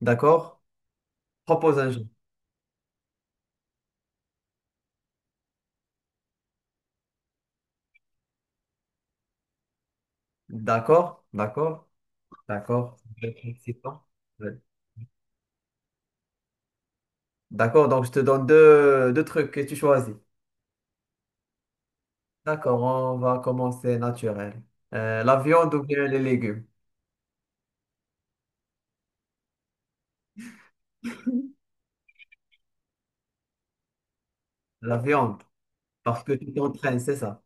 D'accord? Propose un jeu. D'accord? D'accord? D'accord. Je vais être excitant. Ouais. D'accord, donc je te donne deux trucs et tu choisis. D'accord, on va commencer naturel. La viande ou bien les légumes? La viande, parce que tu t'entraînes, c'est ça?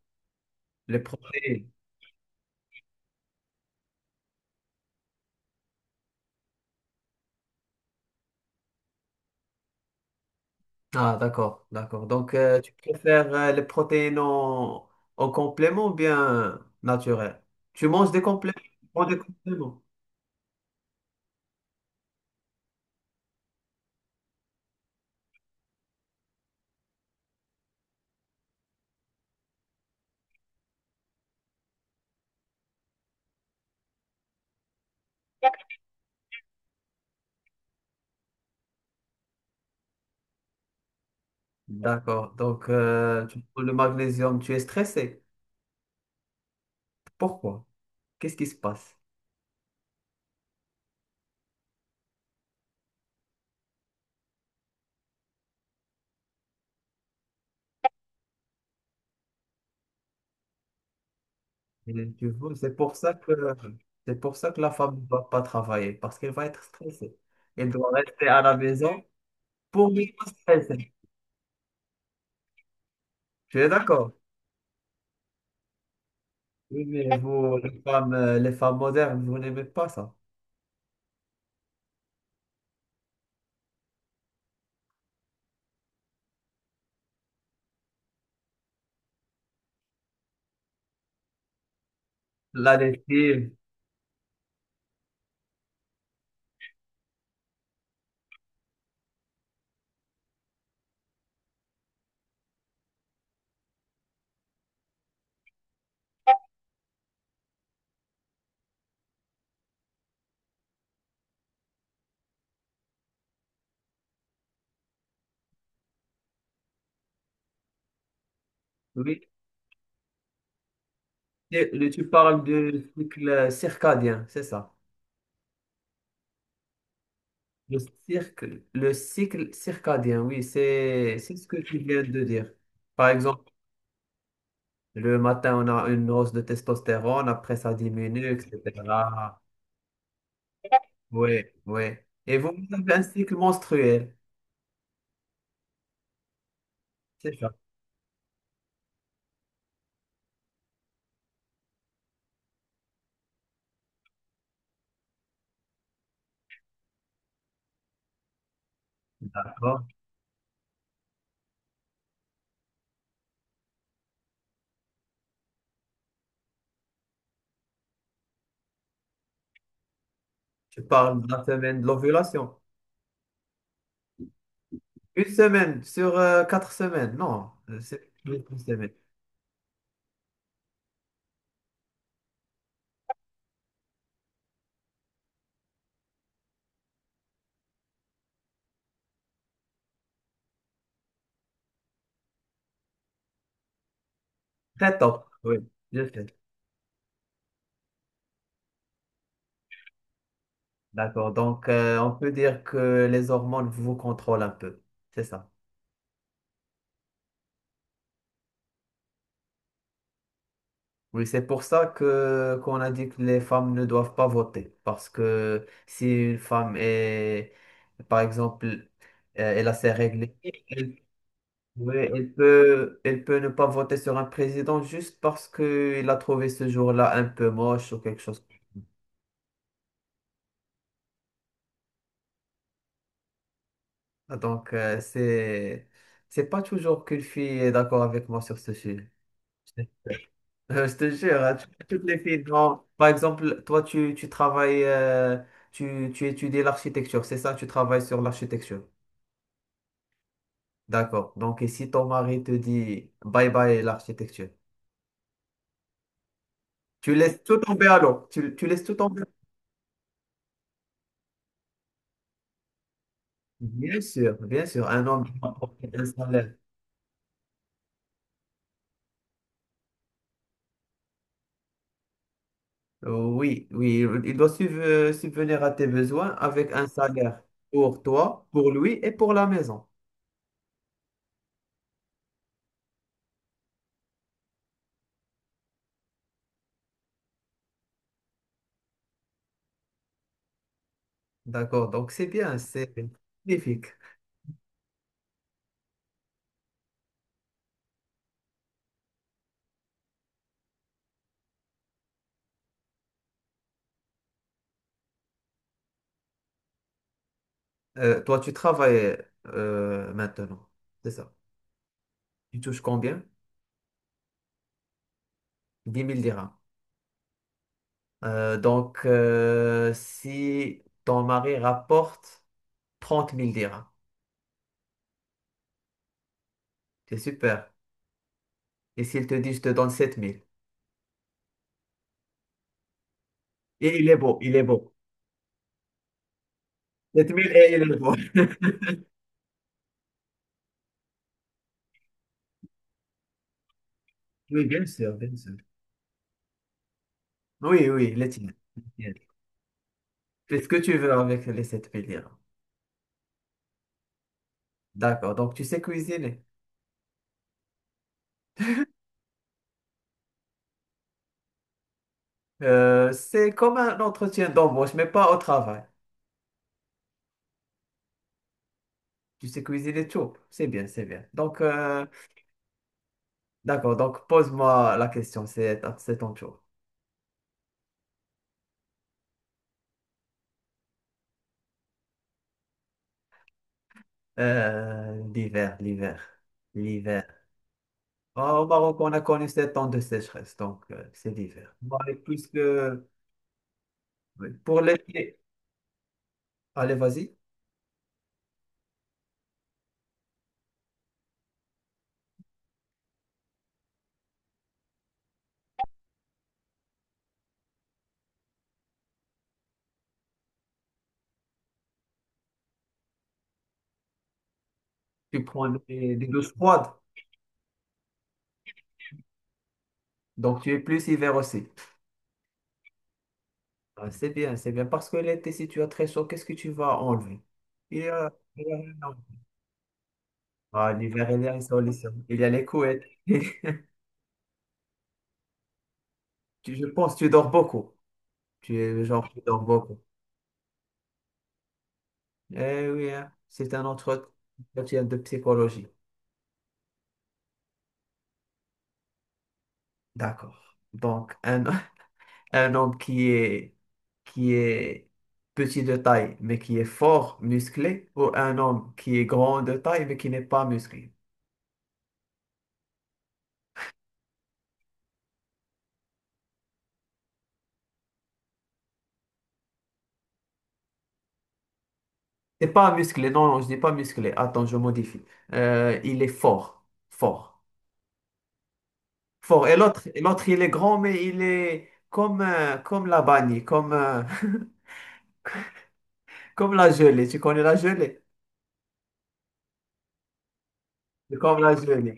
Les protéines. Ah, d'accord, d'accord. Donc, tu préfères les protéines en complément ou bien naturel? Tu manges des compléments? Tu prends des compléments. D'accord, donc tu prends le magnésium, tu es stressé. Pourquoi? Qu'est-ce qui se passe? Mhm. Tu vois, c'est pour ça que la femme ne va pas travailler, parce qu'elle va être stressée. Elle doit rester à la maison pour ne pas stresser. Tu es d'accord? Oui, mais vous, les femmes modernes, vous n'aimez pas ça. La lessive, oui. Et tu parles du cycle circadien, c'est ça. Le cirque, le cycle circadien, oui, c'est ce que tu viens de dire. Par exemple, le matin, on a une hausse de testostérone, après ça diminue, etc. Oui, oui. Et vous, vous avez un cycle menstruel. C'est ça, d'accord. Tu parles de la semaine de l'ovulation. Une semaine sur 4 semaines. Non, c'est plus qu'une semaine. Très tôt. Oui, je sais. D'accord. Donc, on peut dire que les hormones vous contrôlent un peu. C'est ça. Oui, c'est pour ça que qu'on a dit que les femmes ne doivent pas voter. Parce que si une femme est, par exemple, elle a ses règles, elle, oui, elle peut ne pas voter sur un président juste parce qu'il a trouvé ce jour-là un peu moche ou quelque chose. Donc, c'est pas toujours qu'une fille est d'accord avec moi sur ce sujet. Je te jure, hein, toutes les filles non. Par exemple, toi, tu travailles, tu étudies l'architecture, c'est ça, tu travailles sur l'architecture. D'accord. Donc, et si ton mari te dit bye bye l'architecture, tu laisses tout tomber à l'eau. Tu laisses tout tomber. Bien sûr, bien sûr. Un homme qui doit porter un salaire. Oui, oui, il doit subvenir à tes besoins avec un salaire pour toi, pour lui et pour la maison. D'accord. Donc, c'est bien, c'est magnifique. Toi, tu travailles maintenant, c'est ça. Tu touches combien? 10 000 dirhams. Donc, si ton mari rapporte 30 000 dirhams, c'est super. Et s'il te dit, je te donne 7 000. Et il est beau, il est beau. Sept mille et il est beau. Oui, bien sûr, bien sûr. Oui, oui, les tiens. Les tiens. Fais ce que tu veux avec les 7 000 dirhams. D'accord, donc tu sais cuisiner. C'est comme un entretien d'embauche, mais pas au travail. Tu sais cuisiner tout. C'est bien, c'est bien. Donc, d'accord. Donc, pose-moi la question. C'est ton tour. L'hiver, l'hiver, l'hiver. Au Maroc, on a connu 7 ans de sécheresse. Donc, c'est l'hiver. Bon, et puisque oui, pour l'été, allez, vas-y. Tu prends des douches froides. Donc, tu es plus hiver aussi. Ah, c'est bien, c'est bien. Parce que l'été, si tu as très chaud, qu'est-ce que tu vas enlever? Non. Ah, l'hiver, il y a une solution. Il y a les couettes. Je pense que tu dors beaucoup. Tu es le genre qui dort beaucoup. Eh oui, hein, c'est un autre entretien de psychologie. D'accord. Donc, un homme qui est petit de taille, mais qui est fort, musclé, ou un homme qui est grand de taille, mais qui n'est pas musclé. C'est pas musclé, non, non, je dis pas musclé. Attends, je modifie. Il est fort, fort, fort. Et l'autre, il est grand, mais il est comme, comme la banni, comme, comme la gelée. Tu connais la gelée? C'est comme la gelée.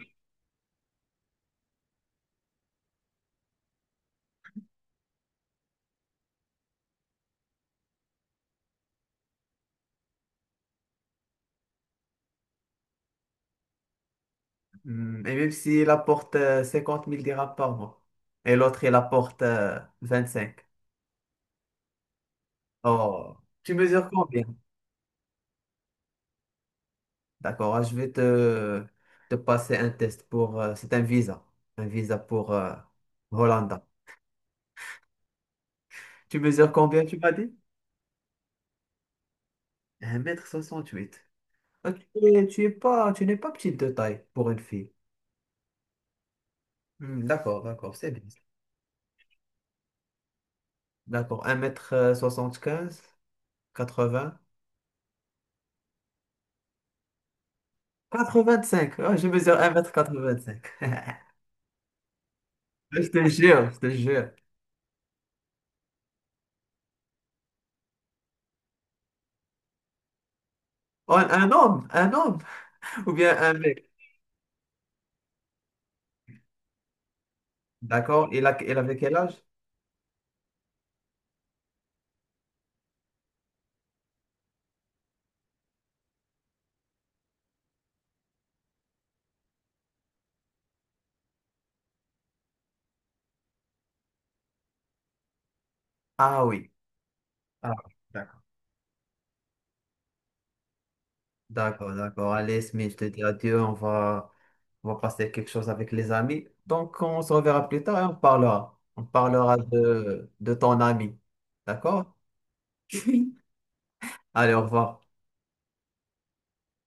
Hmm, et même s'il apporte 50 000 dirhams par mois. Et l'autre, il apporte cinq. Oh, tu mesures combien? D'accord, ah, je vais te passer un test pour… c'est un visa. Un visa pour Hollande. Tu mesures combien, tu m'as dit? 1m68. Ah, tu es pas, tu n'es pas petite de taille pour une fille. Hmm, d'accord, d'accord, c'est bien. D'accord, 1m75, quatre m quatre quatre-vingt-cinq. Oh, je mesure 1m85. Je te jure, je te jure. Oh, un homme ou bien un mec. D'accord, il a, il avait quel âge? Ah oui. Ah, d'accord, d'accord. Allez, Smith, je te dis adieu. On va passer quelque chose avec les amis. Donc, on se reverra plus tard et on parlera. On parlera de ton ami. D'accord? Allez, au revoir.